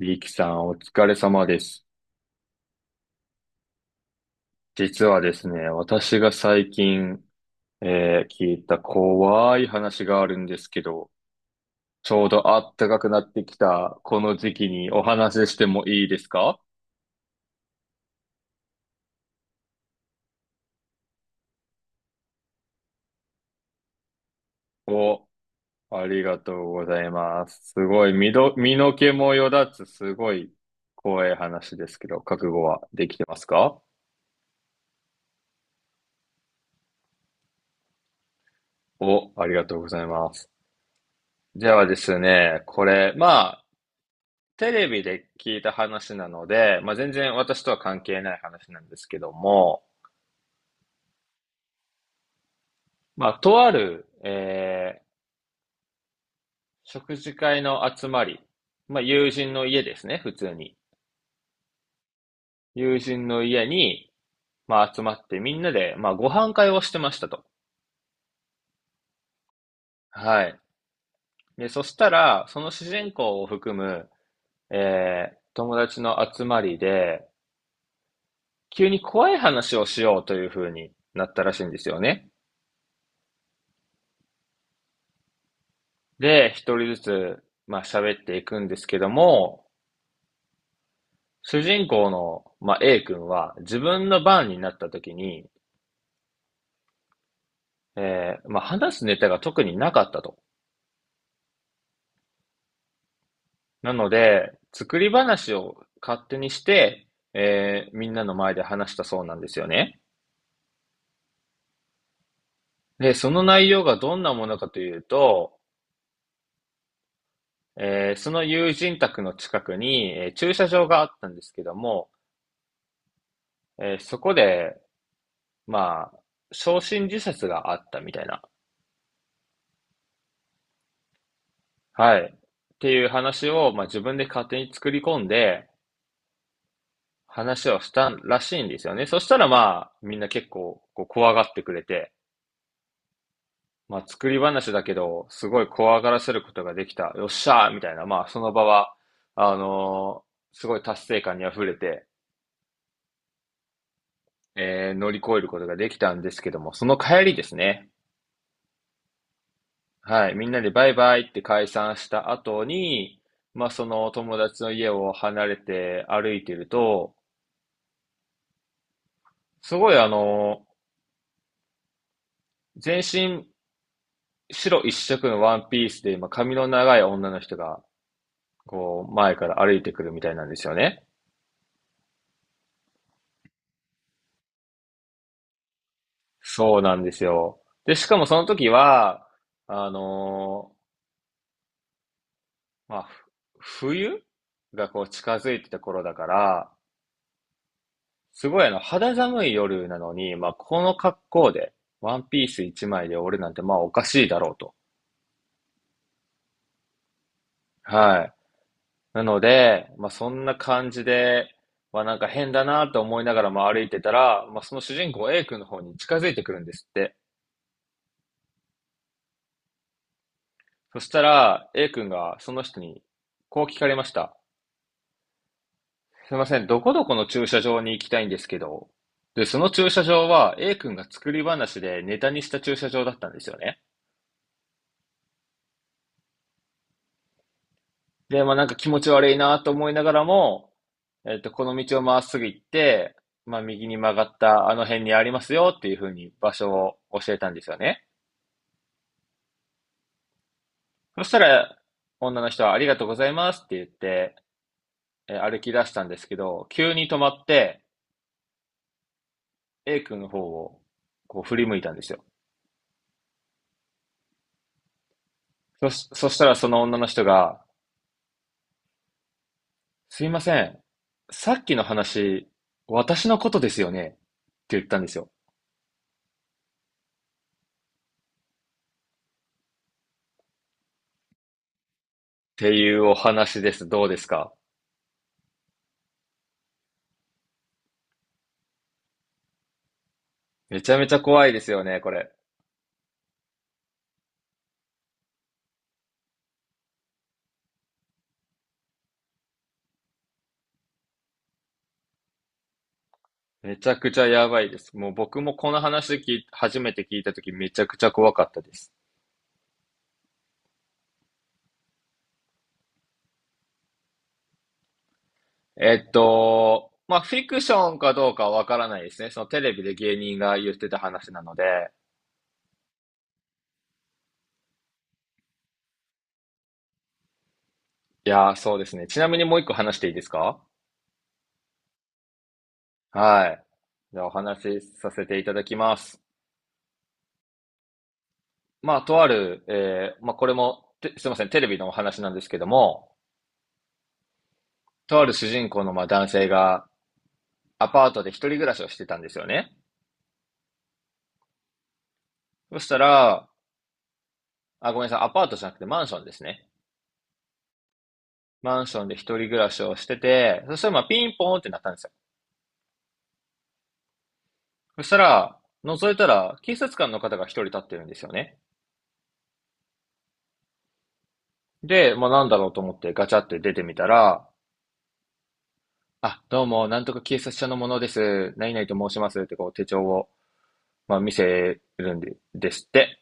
リキさん、お疲れ様です。実はですね、私が最近、聞いた怖い話があるんですけど、ちょうど暖かくなってきたこの時期にお話ししてもいいですか？お、ありがとうございます。すごい、身の毛もよだつ、すごい怖い話ですけど、覚悟はできてますか？お、ありがとうございます。ではですね、これ、まあ、テレビで聞いた話なので、まあ、全然私とは関係ない話なんですけども、まあ、とある、食事会の集まり、まあ、友人の家ですね、普通に。友人の家に、まあ、集まってみんなで、まあ、ご飯会をしてましたと。はい。で、そしたら、その主人公を含む、友達の集まりで、急に怖い話をしようという風になったらしいんですよね。で、一人ずつ、まあ、喋っていくんですけども、主人公の、まあ、A 君は自分の番になった時に、まあ、話すネタが特になかったと。なので、作り話を勝手にして、みんなの前で話したそうなんですよね。で、その内容がどんなものかというと、その友人宅の近くに、駐車場があったんですけども、そこで、まあ、焼身自殺があったみたいな。はい。っていう話を、まあ、自分で勝手に作り込んで、話をしたらしいんですよね。そしたらまあ、みんな結構こう怖がってくれて、まあ、作り話だけど、すごい怖がらせることができた。よっしゃーみたいな、まあ、その場は、すごい達成感に溢れて、乗り越えることができたんですけども、その帰りですね。はい。みんなでバイバイって解散した後に、まあ、その友達の家を離れて歩いてると、すごいあの全身白一色のワンピースで、今、髪の長い女の人が、こう、前から歩いてくるみたいなんですよね。そうなんですよ。で、しかもその時は、あのまあ、冬がこう近づいてた頃だから、すごいあの、肌寒い夜なのに、まあ、この格好で、ワンピース一枚で俺なんてまあおかしいだろうと。はい。なので、まあ、そんな感じで、まあ、なんか変だなと思いながらも歩いてたら、まあ、その主人公 A 君の方に近づいてくるんですって。そしたら A 君がその人にこう聞かれました。すいません、どこどこの駐車場に行きたいんですけど。で、その駐車場は A 君が作り話でネタにした駐車場だったんですよね。で、まあ、なんか気持ち悪いなと思いながらも、えっと、この道をまっすぐ行って、まあ、右に曲がったあの辺にありますよっていうふうに場所を教えたんですよね。そしたら、女の人はありがとうございますって言って、歩き出したんですけど、急に止まって、A 君の方をこう振り向いたんですよ。そしたらその女の人が、すいません、さっきの話、私のことですよねって言ったんですよ。っていうお話です。どうですか？めちゃめちゃ怖いですよね、これ。めちゃくちゃやばいです。もう僕もこの話聞い初めて聞いたときめちゃくちゃ怖かったです。えっと、まあ、フィクションかどうかはわからないですね。そのテレビで芸人が言ってた話なので。いやー、そうですね。ちなみにもう一個話していいですか？はい。じゃあお話しさせていただきます。まあ、とある、えー、まあ、これも、すいません、テレビのお話なんですけども、とある主人公のまあ男性がアパートで一人暮らしをしてたんですよね。そしたら、あ、ごめんなさい、アパートじゃなくてマンションですね。マンションで一人暮らしをしてて、そしたらまあピンポーンってなったんですよ。そしたら、覗いたら、警察官の方が一人立ってるんですよね。で、まあなんだろうと思ってガチャって出てみたら、あ、どうも、なんとか警察署の者です。何々と申しますってこう手帳を、まあ、見せるんで、ですって。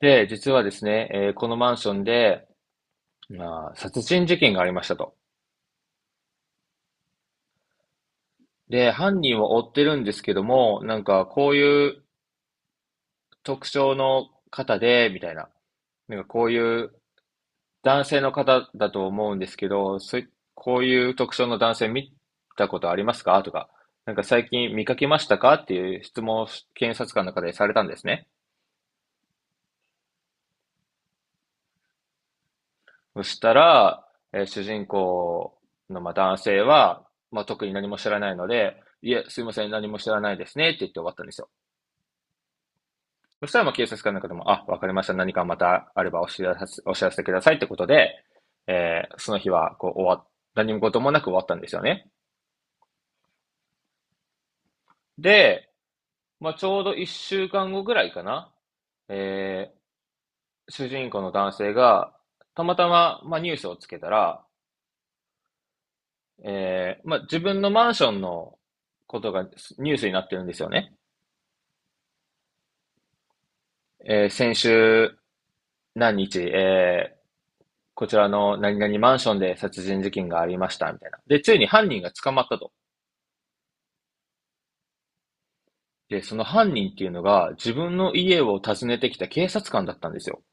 で、実はですね、このマンションで、まあ、殺人事件がありましたと。で、犯人を追ってるんですけども、なんかこういう特徴の方で、みたいな。なんかこういう男性の方だと思うんですけど、そういこういう特徴の男性見たことありますかとか、なんか最近見かけましたかっていう質問を検察官の方でされたんですね。そしたら、主人公のまあ男性は、まあ、特に何も知らないので、いえ、すいません、何も知らないですねって言って終わったんですよ。そしたらまあ警察官の方も、あ、わかりました、何かまたあればお知らせくださいってことで、その日はこう終わっ、何事もなく終わったんですよね。で、まあ、ちょうど一週間後ぐらいかな。えー主人公の男性が、たまたま、まあ、ニュースをつけたら、まあ、自分のマンションのことがニュースになってるんですよね。えー先週何日、こちらの何々マンションで殺人事件がありました、みたいな。で、ついに犯人が捕まったと。で、その犯人っていうのが自分の家を訪ねてきた警察官だったんですよ。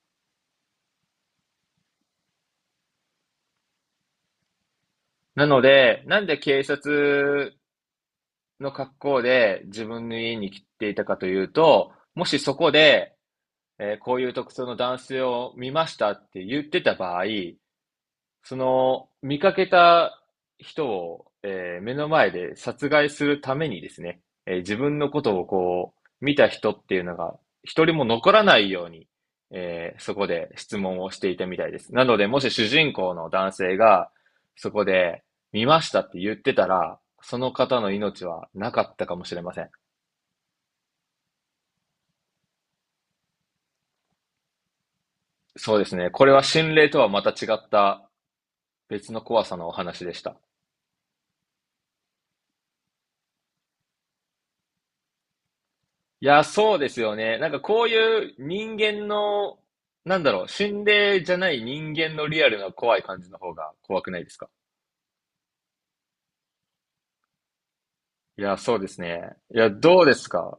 なので、なんで警察の格好で自分の家に来ていたかというと、もしそこで、こういう特徴の男性を見ましたって言ってた場合、その、見かけた人を、目の前で殺害するためにですね、自分のことをこう見た人っていうのが、一人も残らないように、そこで質問をしていたみたいです。なので、もし主人公の男性が、そこで、見ましたって言ってたら、その方の命はなかったかもしれません。そうですね。これは心霊とはまた違った別の怖さのお話でした。いや、そうですよね。なんかこういう人間の、なんだろう、心霊じゃない人間のリアルな怖い感じの方が怖くないですか？いや、そうですね。いや、どうですか？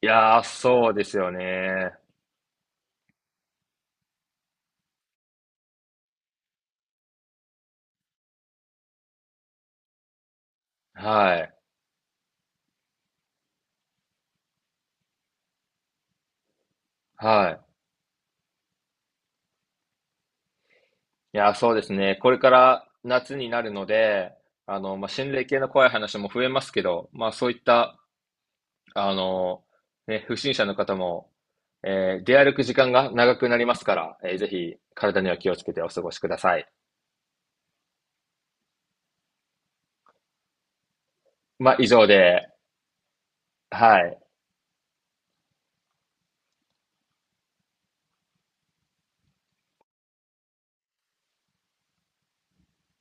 いや、そうですよね。はい。はい。いや、そうですね。これから夏になるので、あの、まあ、心霊系の怖い話も増えますけど、まあ、そういった、あの、ね、不審者の方も、出歩く時間が長くなりますから、ぜひ体には気をつけてお過ごしください。まあ、以上で、はい。